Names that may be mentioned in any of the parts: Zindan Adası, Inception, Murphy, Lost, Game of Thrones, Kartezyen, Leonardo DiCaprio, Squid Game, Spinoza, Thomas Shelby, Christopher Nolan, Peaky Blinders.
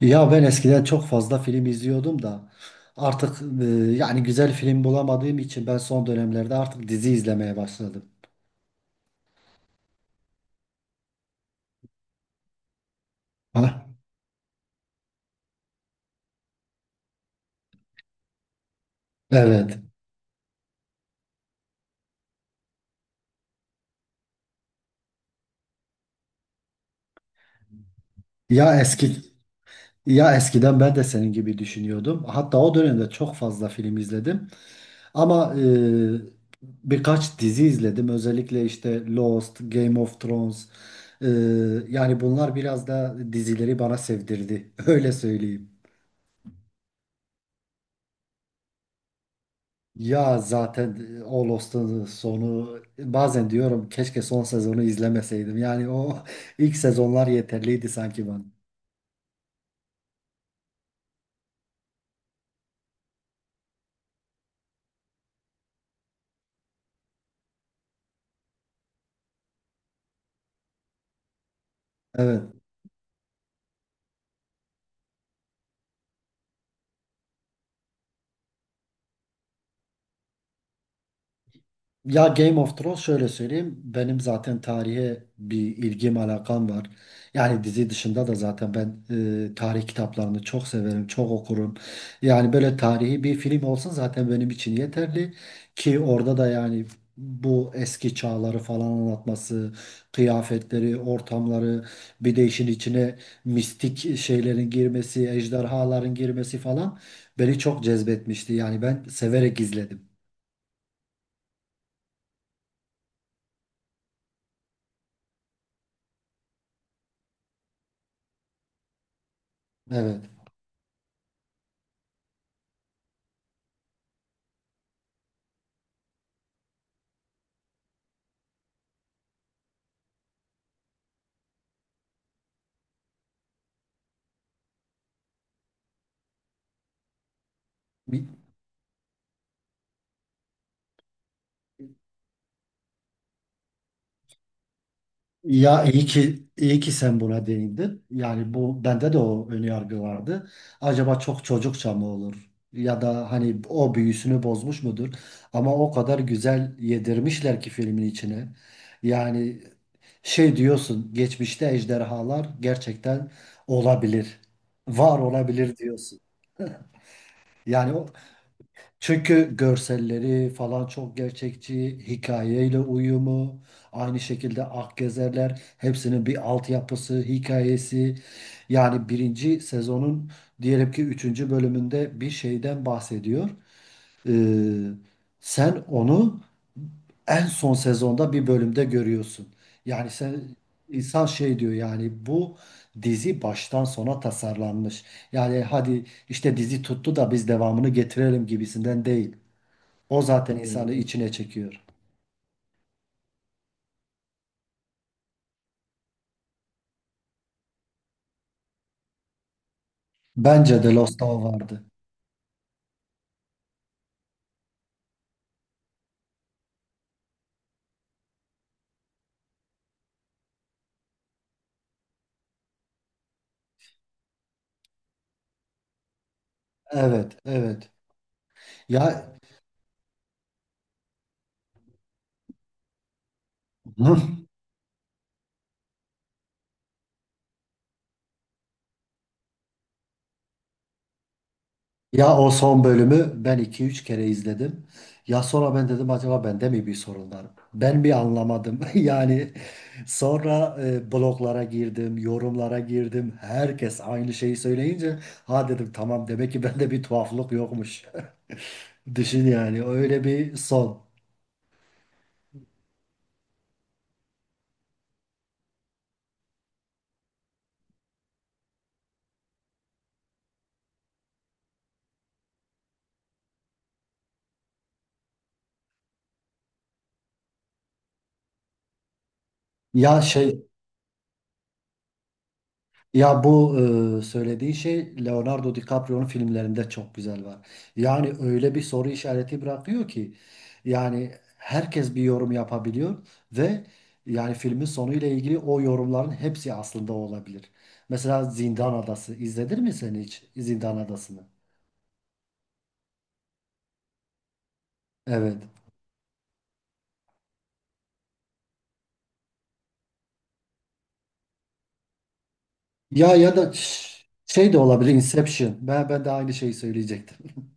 Ya ben eskiden çok fazla film izliyordum da artık yani güzel film bulamadığım için ben son dönemlerde artık dizi izlemeye başladım. Ha? Evet. Ya eski eskiden ben de senin gibi düşünüyordum. Hatta o dönemde çok fazla film izledim. Ama birkaç dizi izledim. Özellikle işte Lost, Game of Thrones. E, Yani bunlar biraz da dizileri bana sevdirdi. Öyle söyleyeyim. Ya zaten o Lost'un sonu bazen diyorum keşke son sezonu izlemeseydim. Yani o ilk sezonlar yeterliydi sanki bana. Evet. Ya Game of Thrones şöyle söyleyeyim. Benim zaten tarihe bir ilgim alakam var. Yani dizi dışında da zaten ben tarih kitaplarını çok severim, çok okurum. Yani böyle tarihi bir film olsun zaten benim için yeterli. Ki orada da yani bu eski çağları falan anlatması, kıyafetleri, ortamları, bir de işin içine mistik şeylerin girmesi, ejderhaların girmesi falan beni çok cezbetmişti. Yani ben severek izledim. Evet. Ya iyi ki sen buna değindin. Yani bu bende de o ön yargı vardı. Acaba çok çocukça mı olur? Ya da hani o büyüsünü bozmuş mudur? Ama o kadar güzel yedirmişler ki filmin içine. Yani şey diyorsun, geçmişte ejderhalar gerçekten olabilir. Var olabilir diyorsun. Yani o, çünkü görselleri falan çok gerçekçi, hikayeyle uyumu, aynı şekilde Akgezerler hepsinin bir altyapısı, hikayesi. Yani birinci sezonun diyelim ki üçüncü bölümünde bir şeyden bahsediyor. Ee, Sen onu en son sezonda bir bölümde görüyorsun. Yani sen insan şey diyor yani bu dizi baştan sona tasarlanmış. Yani hadi işte dizi tuttu da biz devamını getirelim gibisinden değil. O zaten insanı içine çekiyor. Bence de Lost'ta o vardı. Evet, evet. Ya Hı. Ya o son bölümü ben iki üç kere izledim. Ya sonra ben dedim acaba bende mi bir sorun var? Ben bir anlamadım. Yani sonra bloglara girdim, yorumlara girdim. Herkes aynı şeyi söyleyince ha dedim tamam demek ki bende bir tuhaflık yokmuş. Düşün yani öyle bir son. Ya şey Ya bu söylediği şey Leonardo DiCaprio'nun filmlerinde çok güzel var. Yani öyle bir soru işareti bırakıyor ki yani herkes bir yorum yapabiliyor ve yani filmin sonuyla ilgili o yorumların hepsi aslında olabilir. Mesela Zindan Adası izledin mi sen hiç Zindan Adası'nı? Evet. Ya ya da şey de olabilir Inception. Ben de aynı şeyi söyleyecektim.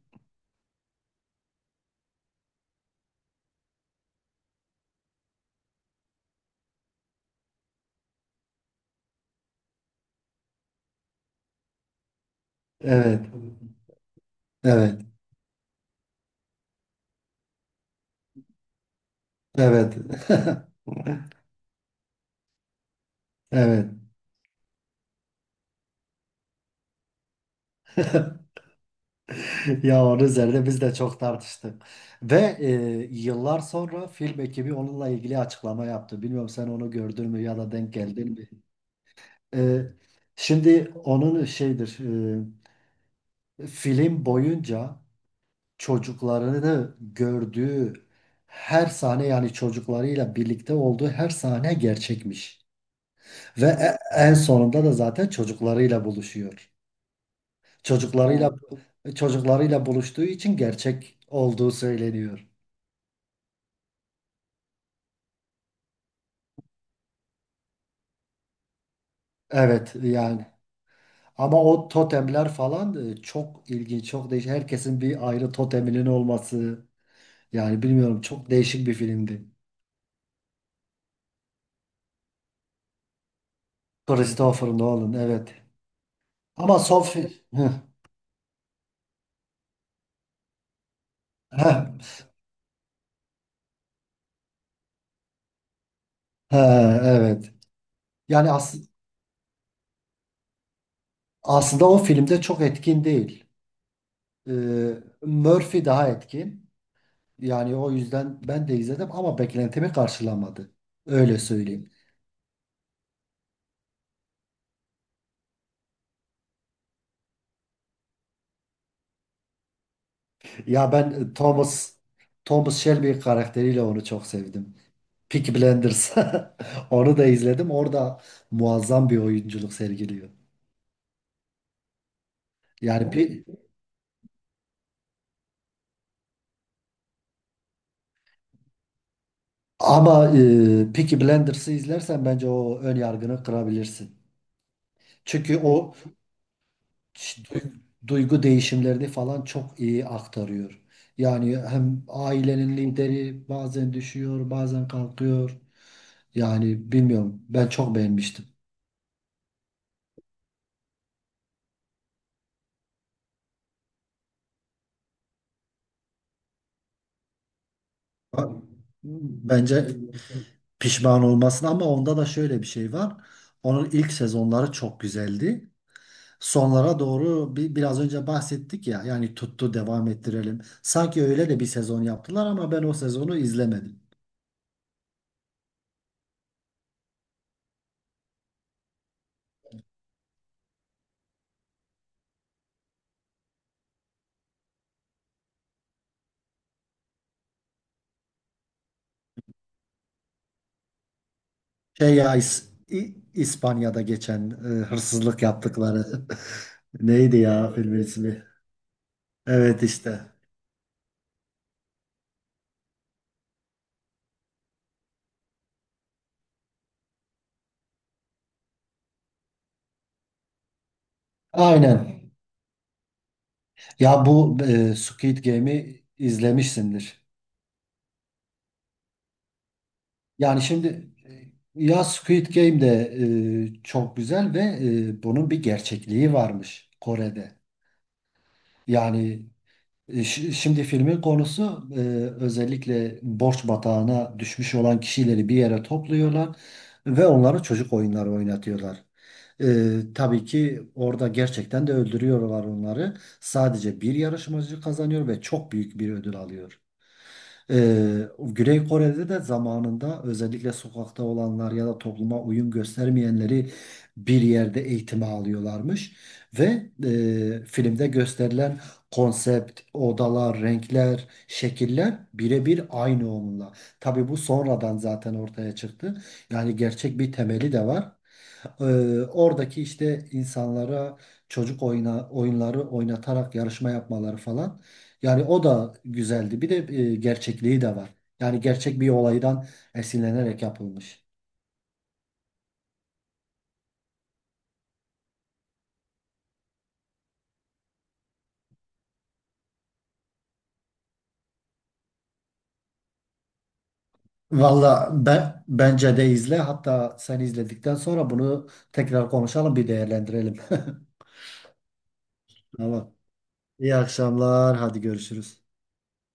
Evet. Evet. Evet. Evet. Ya onun üzerine biz de çok tartıştık. Ve yıllar sonra film ekibi onunla ilgili açıklama yaptı. Bilmiyorum sen onu gördün mü ya da denk geldin mi? E, Şimdi onun şeydir, film boyunca çocuklarını gördüğü her sahne yani çocuklarıyla birlikte olduğu her sahne gerçekmiş. Ve en sonunda da zaten çocuklarıyla buluşuyor. Çocuklarıyla O çocuklarıyla buluştuğu için gerçek olduğu söyleniyor. Evet yani. Ama o totemler falan çok ilginç, çok değişik. Herkesin bir ayrı toteminin olması. Yani bilmiyorum çok değişik bir filmdi. Christopher Nolan evet. Ama Sophie Heh, heh, heh, evet. Yani as Aslında o filmde çok etkin değil. Ee, Murphy daha etkin. Yani o yüzden ben de izledim ama beklentimi karşılamadı. Öyle söyleyeyim. Ya ben Thomas Shelby karakteriyle onu çok sevdim. Peaky Blinders. Onu da izledim. Orada muazzam bir oyunculuk sergiliyor. Yani pi- Ama Peaky Blinders'ı izlersen bence o ön yargını kırabilirsin. Çünkü o ş- duy- duygu değişimlerini falan çok iyi aktarıyor. Yani hem ailenin lideri bazen düşüyor, bazen kalkıyor. Yani bilmiyorum. Ben çok beğenmiştim. Bence pişman olmasın ama onda da şöyle bir şey var. Onun ilk sezonları çok güzeldi. Sonlara doğru bir, biraz önce bahsettik ya yani tuttu devam ettirelim. Sanki öyle de bir sezon yaptılar ama ben o sezonu izlemedim. Şey ya İs- İspanya'da geçen hırsızlık yaptıkları neydi ya filmin ismi? Evet işte. Aynen. Ya bu Squid Game'i izlemişsindir. Yani şimdi Squid Game de çok güzel ve bunun bir gerçekliği varmış Kore'de. Yani şimdi filmin konusu özellikle borç batağına düşmüş olan kişileri bir yere topluyorlar ve onlara çocuk oyunları oynatıyorlar. Tabii ki orada gerçekten de öldürüyorlar onları. Sadece bir yarışmacı kazanıyor ve çok büyük bir ödül alıyor. Güney Kore'de de zamanında özellikle sokakta olanlar ya da topluma uyum göstermeyenleri bir yerde eğitime alıyorlarmış. Ve filmde gösterilen konsept, odalar, renkler, şekiller birebir aynı onunla. Tabii bu sonradan zaten ortaya çıktı. Yani gerçek bir temeli de var. Oradaki işte insanlara oyunları oynatarak yarışma yapmaları falan. Yani o da güzeldi. Bir de gerçekliği de var. Yani gerçek bir olaydan esinlenerek yapılmış. Valla ben bence de izle. Hatta sen izledikten sonra bunu tekrar konuşalım, bir değerlendirelim. Tamam. İyi akşamlar. Hadi görüşürüz.